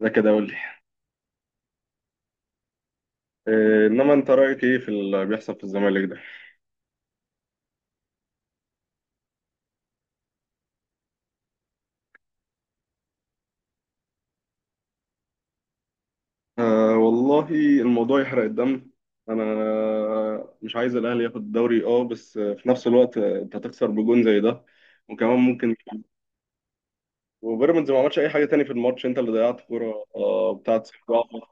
ده كده قول لي. انما انت رايك ايه في اللي بيحصل في الزمالك ده؟ آه والله، الموضوع يحرق الدم. انا مش عايز الاهلي ياخد الدوري اه، بس في نفس الوقت انت تخسر بجون زي ده، وكمان ممكن. وبيراميدز ما عملش اي حاجه تاني في الماتش، انت اللي ضيعت كوره بتاعت سيف جعفر.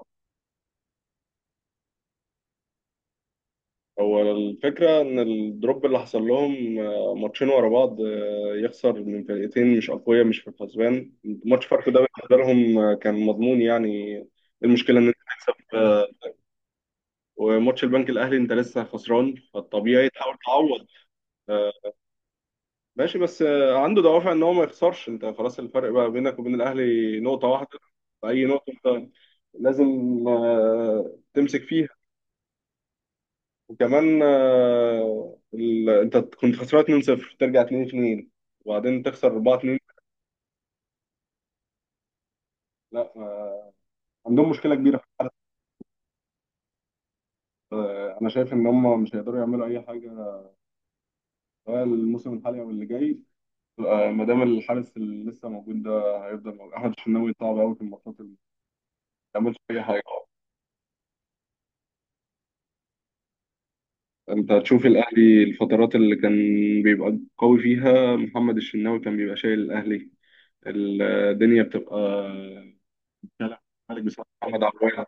هو الفكره ان الدروب اللي حصل لهم، ماتشين ورا بعض، يخسر من فرقتين مش اقوياء مش في الحسبان. ماتش فرق ده بالنسبه لهم، كان مضمون يعني. المشكله ان انت تكسب، وماتش البنك الاهلي انت لسه خسران، فالطبيعي تحاول تعوض. آه، ماشي، بس عنده دوافع ان هو ما يخسرش. انت خلاص الفرق بقى بينك وبين الاهلي نقطه واحده، فاي نقطه انت لازم تمسك فيها. وكمان انت كنت خسران 2-0 ترجع 2-2 وبعدين تخسر 4-2. لا عندهم مشكله كبيره. انا شايف ان هم مش هيقدروا يعملوا اي حاجه، سواء الموسم الحالي او اللي جاي. ما دام الحارس اللي لسه موجود ده هيفضل موجود احمد الشناوي، صعب قوي في الماتشات اللي ما بيعملش اي حاجه. انت هتشوف الاهلي الفترات اللي كان بيبقى قوي فيها، محمد الشناوي كان بيبقى شايل الاهلي، الدنيا بتبقى كلام. مالك بسبب محمد عواد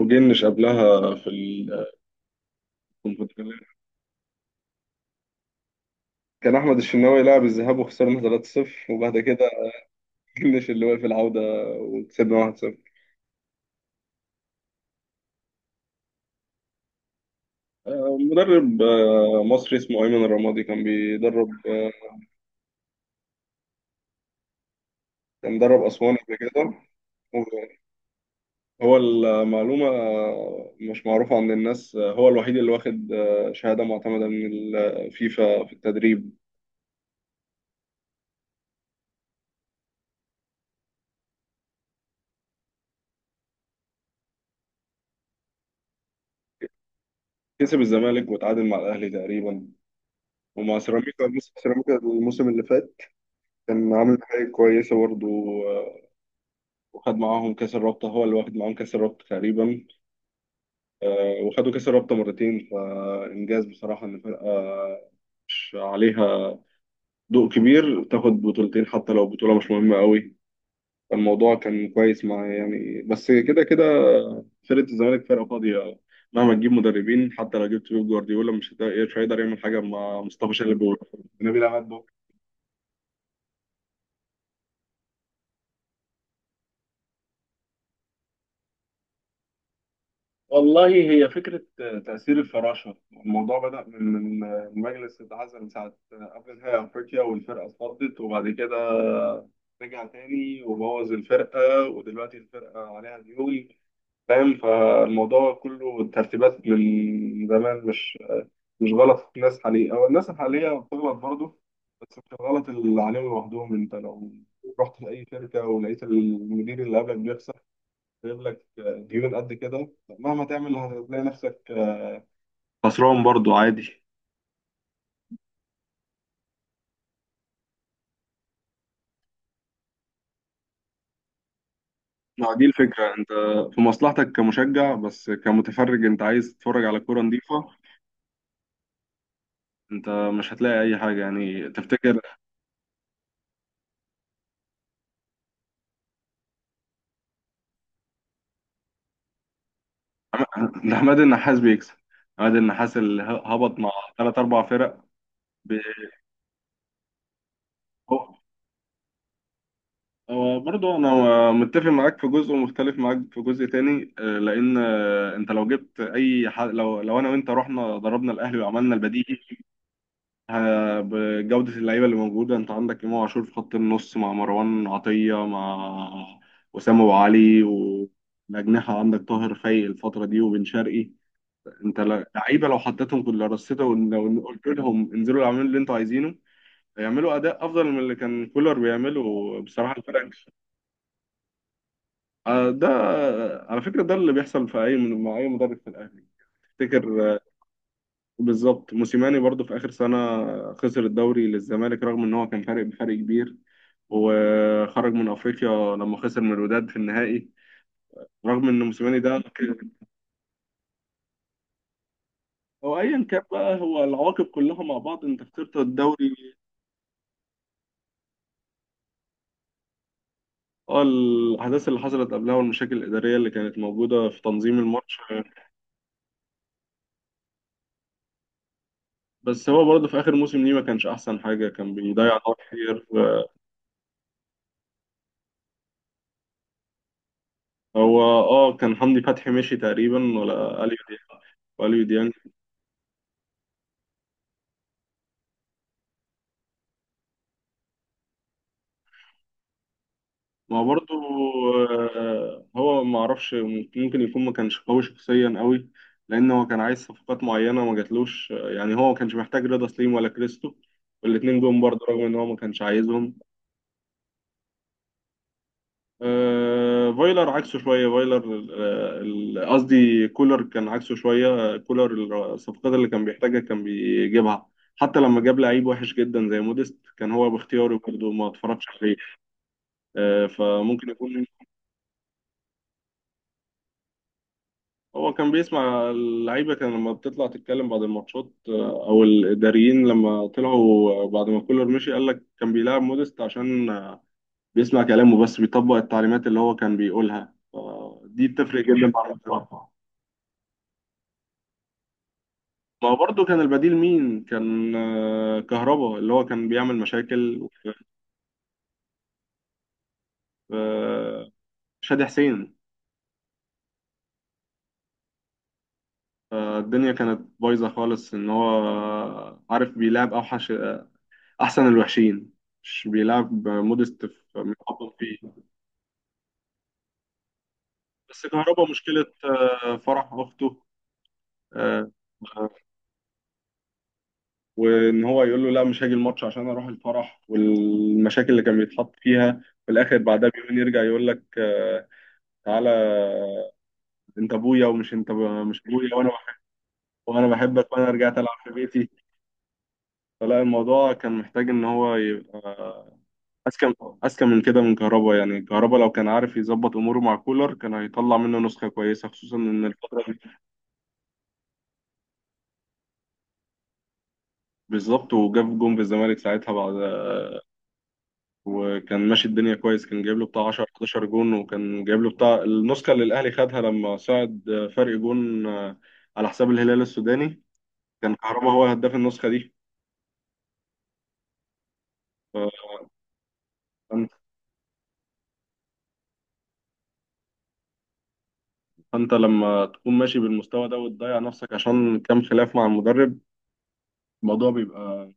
وجنش قبلها في الكونفدرالية. كان احمد الشناوي لعب الذهاب وخسرنا 3-0، وبعد كده جنش اللي واقف العوده وكسبنا 1-0. مدرب مصري اسمه أيمن الرمادي، كان بيدرب. كان مدرب أسوان قبل كده. هو المعلومة مش معروفة عند الناس، هو الوحيد اللي واخد شهادة معتمدة من الفيفا في التدريب. كسب الزمالك وتعادل مع الأهلي تقريبا، ومع سيراميكا الموسم اللي فات كان عامل حاجة كويسة برضه. وخد معاهم كأس الرابطة، هو اللي واخد معاهم كأس الرابطة تقريبا. وخدوا كأس الرابطة مرتين، فإنجاز بصراحة إن فرقة مش عليها ضوء كبير تاخد بطولتين، حتى لو بطولة مش مهمة قوي. الموضوع كان كويس مع يعني، بس كده كده فرقة الزمالك فرقة فاضية، مهما تجيب مدربين حتى لو جبت بيب جوارديولا مش هيقدر يعمل حاجة مع مصطفى شلبي ونبيل عماد بكر. والله هي فكرة تأثير الفراشة. الموضوع بدأ من مجلس اتعزل من ساعة قبل نهائي أفريقيا، والفرقة اتفضت، وبعد كده رجع تاني وبوظ الفرقة، ودلوقتي الفرقة عليها ديون. فاهم؟ فالموضوع كله ترتيبات من زمان، مش غلط الناس حاليا او الناس الحاليه بتغلط برضه، بس مش الغلط اللي عليهم لوحدهم. انت لو رحت لاي شركه ولقيت المدير اللي قبلك بيخسر جايب لك ديون قد كده، مهما تعمل هتلاقي نفسك خسران برضو عادي. ما دي الفكرة، انت في مصلحتك كمشجع، بس كمتفرج انت عايز تتفرج على كورة نظيفة. انت مش هتلاقي اي حاجة يعني، تفتكر؟ ده عماد النحاس بيكسب، عماد النحاس اللي هبط مع ثلاث اربع فرق. هو برضه انا متفق معاك في جزء ومختلف معاك في جزء تاني، لان انت لو جبت اي لو انا وانت رحنا ضربنا الاهلي وعملنا البديهي، بجوده اللعيبه اللي موجوده. انت عندك امام عاشور في خط النص مع مروان عطيه مع وسام ابو علي، والاجنحه عندك طاهر خي الفتره دي وبن شرقي. انت لعيبه لو حطيتهم كل رصيتهم ولو قلت لهم انزلوا اعملوا اللي انتوا عايزينه، هيعملوا اداء افضل من اللي كان كولر بيعمله بصراحه الفرق. ده على فكرة ده اللي بيحصل في أي مع أي مدرب في الأهلي تفتكر. بالظبط موسيماني برضو في آخر سنة خسر الدوري للزمالك، رغم إن هو كان فارق بفرق كبير، وخرج من أفريقيا لما خسر من الوداد في النهائي، رغم إن موسيماني ده كان. هو أيا كان بقى، هو العواقب كلها مع بعض. أنت خسرت الدوري، اه، الأحداث اللي حصلت قبلها والمشاكل الإدارية اللي كانت موجودة في تنظيم الماتش. بس هو برضه في آخر موسم ليه ما كانش أحسن حاجة، كان بيضيع نقط كتير. هو اه كان حمدي فتحي مشي تقريبا ولا اليو ديانج. واليو ديانج ما برضو. هو ما اعرفش، ممكن يكون ما كانش قوي شخصيا قوي، لان هو كان عايز صفقات معينه ما جاتلوش. يعني هو ما كانش محتاج رضا سليم ولا كريستو، والاتنين جم برضه رغم ان هو ما كانش عايزهم. فايلر عكسه شوية فايلر، قصدي كولر كان عكسه شوية. كولر الصفقات اللي كان بيحتاجها كان بيجيبها، حتى لما جاب لعيب وحش جدا زي موديست، كان هو باختياره برضه، ما اتفرجش عليه. فممكن يكون هو كان بيسمع اللعيبة، كان لما بتطلع تتكلم بعد الماتشات أو الإداريين لما طلعوا بعد ما كولر مشي قال لك كان بيلعب موديست عشان بيسمع كلامه، بس بيطبق التعليمات اللي هو كان بيقولها، فدي بتفرق جدا مع المدرب. ما هو برضه كان البديل مين؟ كان كهربا، اللي هو كان بيعمل مشاكل في شادي حسين. فالدنيا كانت بايظة خالص، إن هو عارف بيلعب أوحش أحسن الوحشين، مش بيلعب مودست في متحكم فيه. بس كهربا مشكلة فرح أخته. آه، آه، وإن هو يقول له لا، مش هاجي الماتش عشان أروح الفرح، والمشاكل اللي كان بيتحط فيها في الآخر، بعدها بيومين يرجع يقول لك تعالى، انت ابويا، ومش انت مش ابويا، وانا بحب، وانا بحبك، وانا رجعت العب في بيتي. فلا الموضوع كان محتاج ان هو يبقى اذكى اذكى من كده من كهربا. يعني كهربا لو كان عارف يظبط اموره مع كولر، كان هيطلع منه نسخه كويسه، خصوصا ان الفتره دي بالظبط، وجاب جون في الزمالك ساعتها بعد، وكان ماشي الدنيا كويس، كان جايب له بتاع 10 11 جون، وكان جايب له بتاع النسخه اللي الاهلي خدها لما صعد فرق جون على حساب الهلال السوداني. كان كهربا هو هداف النسخه دي. فانت لما تكون ماشي بالمستوى ده وتضيع نفسك عشان كام خلاف مع المدرب، الموضوع بيبقى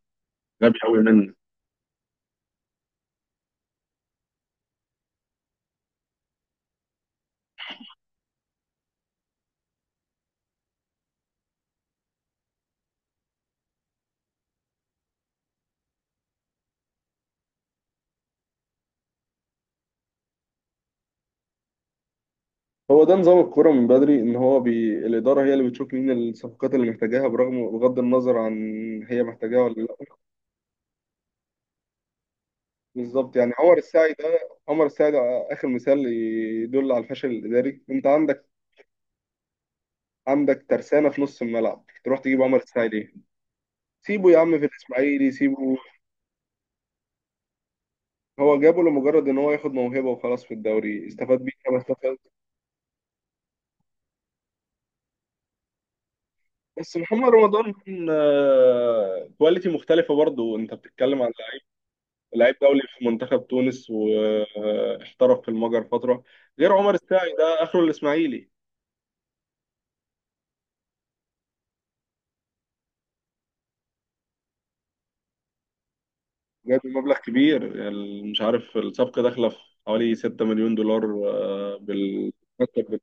غبي قوي منك. هو ده نظام الكوره من بدري، ان هو الاداره هي اللي بتشوف مين الصفقات اللي محتاجاها، برغم بغض النظر عن هي محتاجاها ولا لا. بالظبط، يعني عمر الساعي ده اخر مثال يدل على الفشل الاداري. انت عندك ترسانه في نص الملعب، تروح تجيب عمر الساعي ليه؟ سيبه يا عم في الاسماعيلي، سيبه. هو جابه لمجرد ان هو ياخد موهبه وخلاص في الدوري، استفاد بيها ما استفاد. بس محمد رمضان كواليتي مختلفة برضه، انت بتتكلم على لعيب دولي في منتخب تونس واحترف في المجر فترة، غير عمر الساعي ده اخره الاسماعيلي. جاب مبلغ كبير، مش عارف الصفقة داخلة في حوالي 6 مليون دولار بالمرتب.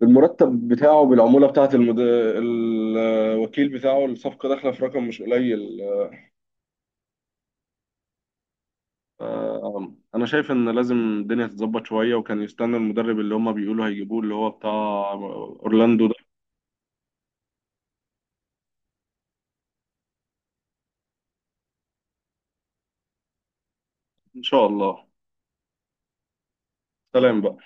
بالمرتب بتاعه، بالعمولة بتاعة الوكيل بتاعه، الصفقة داخلة في رقم مش قليل. انا شايف ان لازم الدنيا تتظبط شويه، وكان يستنى المدرب اللي هما بيقولوا هيجيبوه اللي هو بتاع اورلاندو ده. ان شاء الله. سلام بقى.